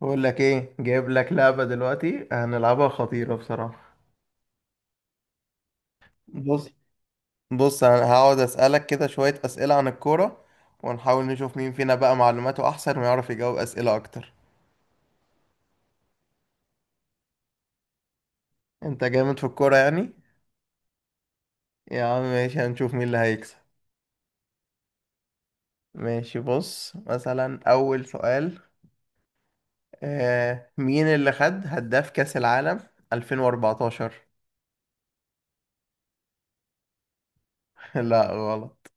بقول لك ايه؟ جايب لك لعبة دلوقتي هنلعبها، خطيرة بصراحة. بص بص، انا هقعد اسألك كده شوية اسئلة عن الكورة، ونحاول نشوف مين فينا بقى معلوماته احسن ويعرف يجاوب اسئلة اكتر. انت جامد في الكورة يعني؟ يا عم ماشي، هنشوف مين اللي هيكسب. ماشي، بص مثلا اول سؤال. مين اللي خد هداف كأس العالم 2014؟ لا، غلط.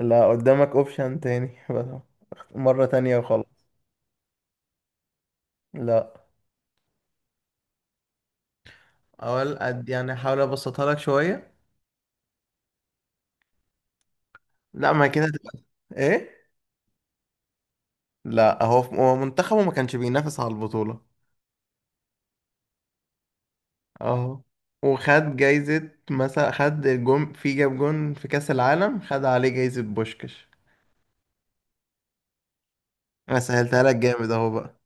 لا، قدامك اوبشن تاني بس. مرة تانية وخلاص. لا، اقول قد يعني، احاول ابسطها لك شويه. لا، ما هي كده تبقى ايه. لا، هو هو منتخبه ما كانش بينافس على البطوله. اهو. وخد جايزه، مثلا خد الجون، في جاب جون في كاس العالم خد عليه جايزه بوشكش. انا سهلتها لك جامد اهو بقى.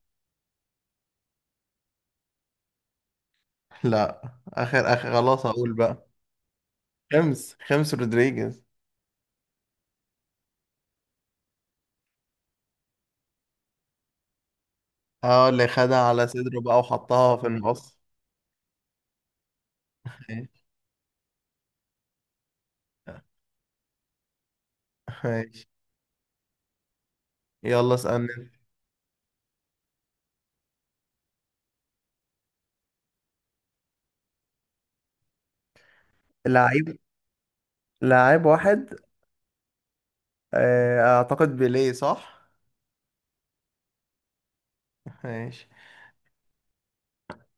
لا، اخر اخر خلاص اقول بقى، خمس رودريجيز. اه، اللي خدها على صدره بقى وحطها في النص. ماشي. ماشي. يلا اسألني انت. لعيب. لعيب واحد. اعتقد بيليه، صح؟ ماشي.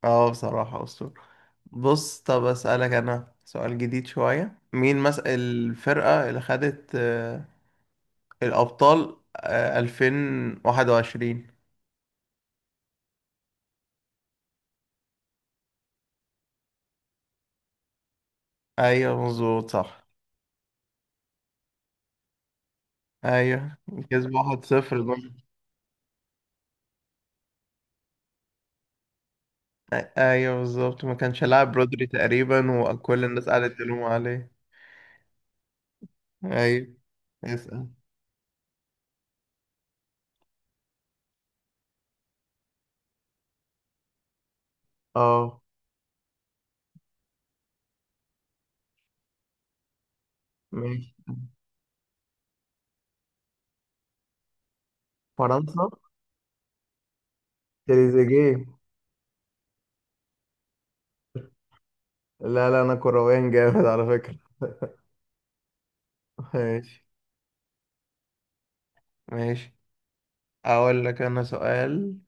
اه، بصراحة أسطورة. بص، طب أسألك أنا سؤال جديد شوية، مين مس الفرقة اللي خدت الأبطال 2021؟ أيوة مظبوط صح. أيوة. كسب 1-0 دول. أيوة بالظبط، ما كانش لاعب رودري تقريبا، وكل الناس قعدت تلوم عليه. أيوة. اسأل. اه، ماشي. فرنسا. تريزيجيه. لا لا، أنا كرويان جامد على فكرة. ماشي. ماشي، اقول لك انا سؤال.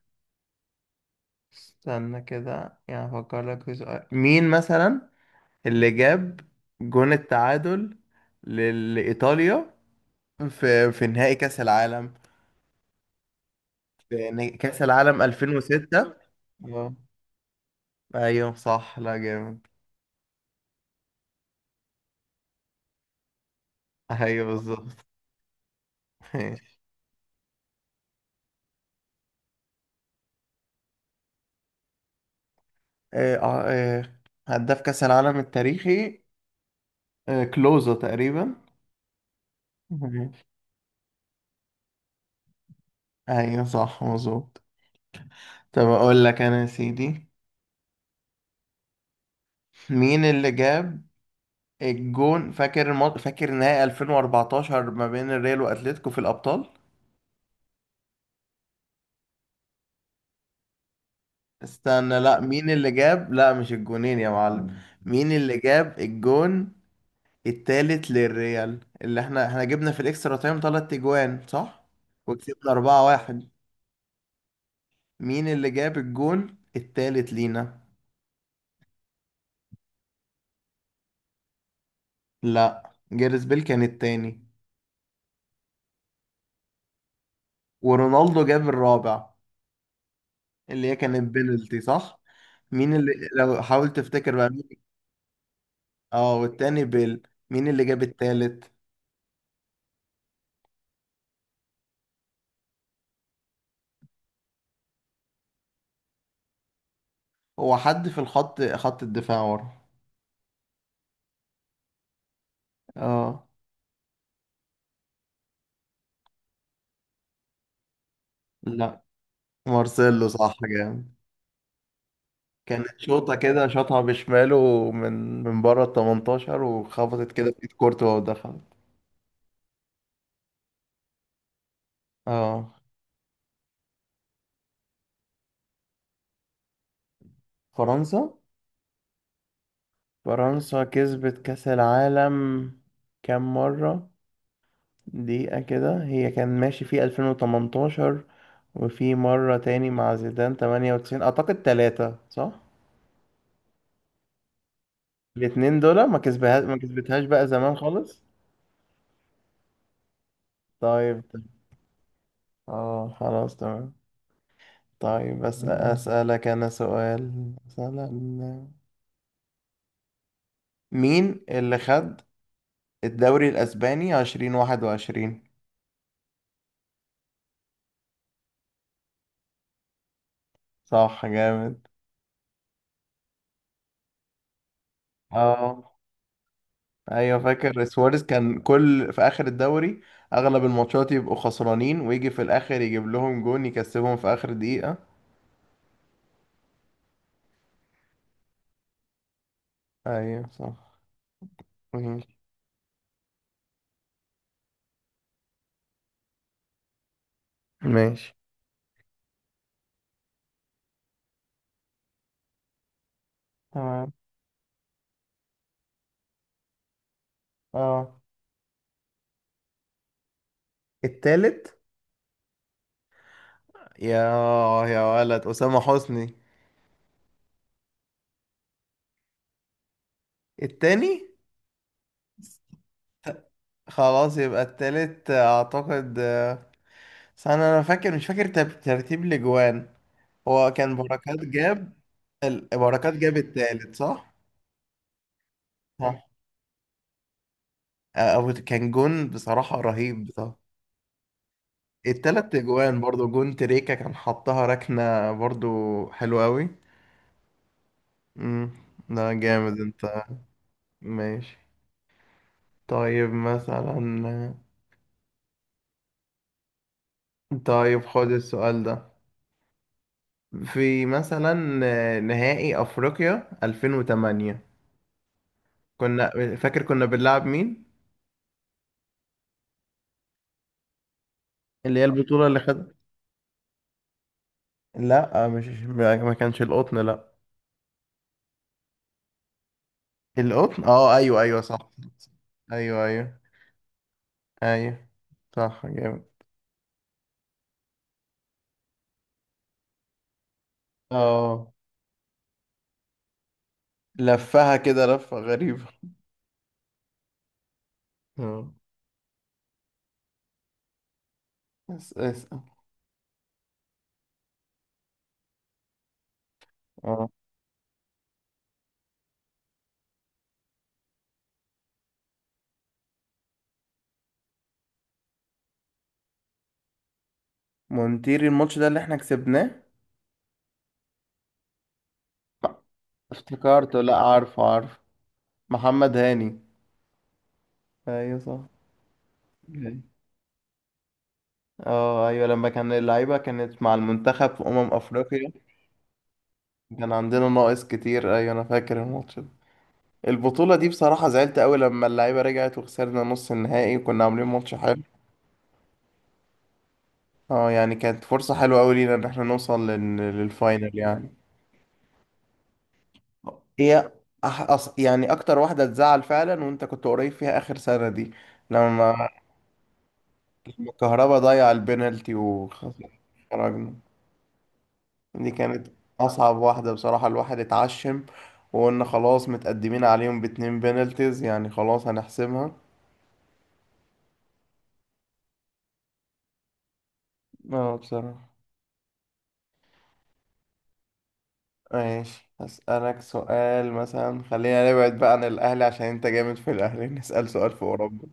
استنى كده يعني، افكر لك في سؤال، مين مثلا اللي جاب جون التعادل لايطاليا في نهائي كاس العالم، في كاس العالم 2006؟ اه، ايوه صح، لا جامد. ايوه بالظبط. ماشي. آه، آه، آه، هداف كاس العالم التاريخي كلوزا تقريبا. ماشي. ايوه صح مظبوط. طب اقول لك انا يا سيدي، مين اللي جاب الجون، فاكر فاكر نهائي 2014 ما بين الريال واتلتيكو في الابطال؟ استنى، لا، مين اللي جاب، لا مش الجونين يا معلم، مين اللي جاب الجون التالت للريال، اللي احنا جبنا في الاكسترا تايم تلات اجوان صح، وكسبنا 4-1. مين اللي جاب الجون التالت لينا؟ لا، جاريث بيل كان التاني، ورونالدو جاب الرابع، اللي هي كانت بينالتي صح. مين اللي، لو حاول تفتكر بقى مين. اه، والتاني بيل، مين اللي جاب التالت؟ هو حد في خط الدفاع ورا. اه. لا، مارسيلو، صح جامد. كانت شوطة كده شاطها بشماله، من بره ال 18، وخبطت كده في ايد كورتوا ودخلت. اه. فرنسا. فرنسا كسبت كأس العالم كام مرة؟ دقيقة كده، هي كان ماشي في 2018، وفي مرة تاني مع زيدان 98 أعتقد، تلاتة صح؟ الاتنين دول، ما كسبها ما كسبتهاش بقى زمان خالص. طيب طيب. اه، خلاص تمام. طيب بس أسألك أنا سؤال مثلا، مين اللي خد الدوري الأسباني 2021؟ صح جامد. اه. أيوة فاكر سواريز كان كل في آخر الدوري، أغلب الماتشات يبقوا خسرانين ويجي في الآخر يجيب لهم جون يكسبهم في آخر دقيقة. أيوة صح. ماشي. ماشي. تمام. اه. التالت. يا، يا ولد أسامة حسني. التاني. خلاص يبقى التالت أعتقد، استنى أنا فاكر، مش فاكر ترتيب الأجوان، هو كان بركات جاب، بركات جاب التالت صح؟ صح. أو كان جون بصراحة رهيب بصراحة. التلات أجوان برضو، جون تريكا كان حطها ركنة برضو، حلوة أوي. مم، ده جامد أنت. ماشي. طيب مثلا. طيب خد السؤال ده، في مثلا نهائي افريقيا 2008، كنا، فاكر كنا بنلعب مين؟ اللي هي البطولة اللي خد. لا مش ما كانش القطن، لا. القطن، اه ايوه ايوه صح. ايوه ايوه. ايوه. صح جامد. اه. لفها كده لفة غريبة. اه. بس اسأل. اه. مونتير الماتش ده اللي احنا كسبناه. افتكرته، لا عارفه عارفه، محمد هاني. ايوه صح. اه ايوه، لما كان اللعيبة كانت مع المنتخب في أمم أفريقيا. كان عندنا ناقص كتير، ايوه انا فاكر الماتش ده. البطولة دي بصراحة زعلت قوي، لما اللعيبة رجعت وخسرنا نص النهائي وكنا عاملين ماتش حلو. اه، يعني كانت فرصة حلوة قوي لينا ان احنا نوصل للفاينل يعني. هي يعني اكتر واحدة تزعل فعلا، وانت كنت قريب فيها اخر سنة دي، لما، لما الكهربا ضيع البنالتي وخرجنا. دي كانت أصعب واحدة بصراحة، الواحد اتعشم، وقلنا خلاص متقدمين عليهم باتنين بينالتيز يعني خلاص هنحسمها. اه، بصراحة. ماشي، هسألك سؤال مثلا، خلينا نبعد بقى عن الأهلي عشان أنت جامد في الأهلي نسأل سؤال في أوروبا.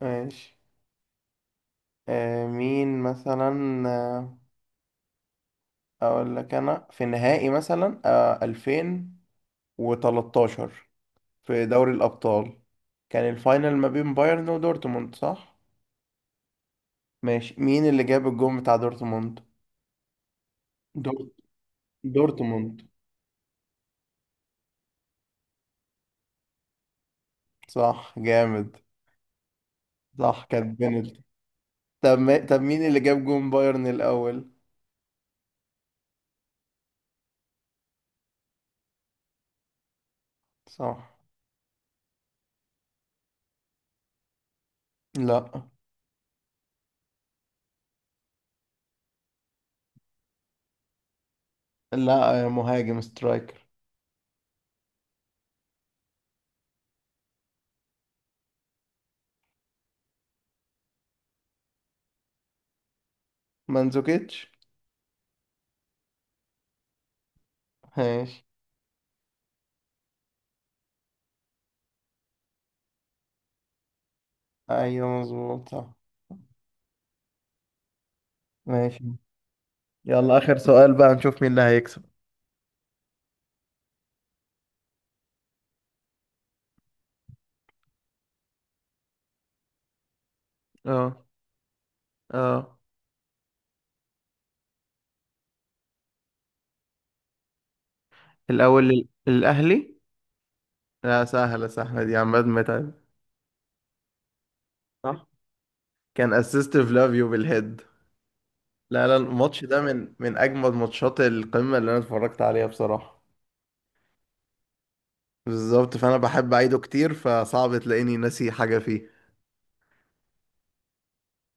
ماشي. مين مثلا؟ أقول لك أنا في نهائي مثلا، 2013، في دوري الأبطال، كان الفاينل ما بين بايرن ودورتموند صح؟ ماشي، مين اللي جاب الجون بتاع دورتموند؟ دور... دورتموند. صح جامد. صح، كانت بنالتي. طب ما... طب مين اللي جاب جون بايرن الأول؟ صح. لا لا، يا مهاجم سترايكر. مانزوكيتش. ماشي. ايوه مظبوط صح. ماشي. يلا آخر سؤال بقى، نشوف مين اللي هيكسب. اه. اه. الأول الأهلي. لا، سهلة سهلة دي، عماد متعب. صح. كان اسيست فلافيو بالهيد. لا لا، الماتش ده من اجمد ماتشات القمه اللي انا اتفرجت عليها بصراحه. بالظبط، فانا بحب اعيده كتير، فصعب تلاقيني ناسي حاجه فيه.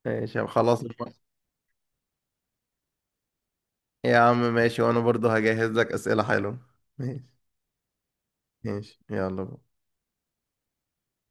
ماشي يا عم، خلاص. يا عم ماشي، وانا برضو هجهز لك اسئله حلوه. ماشي. ماشي يلا بقى.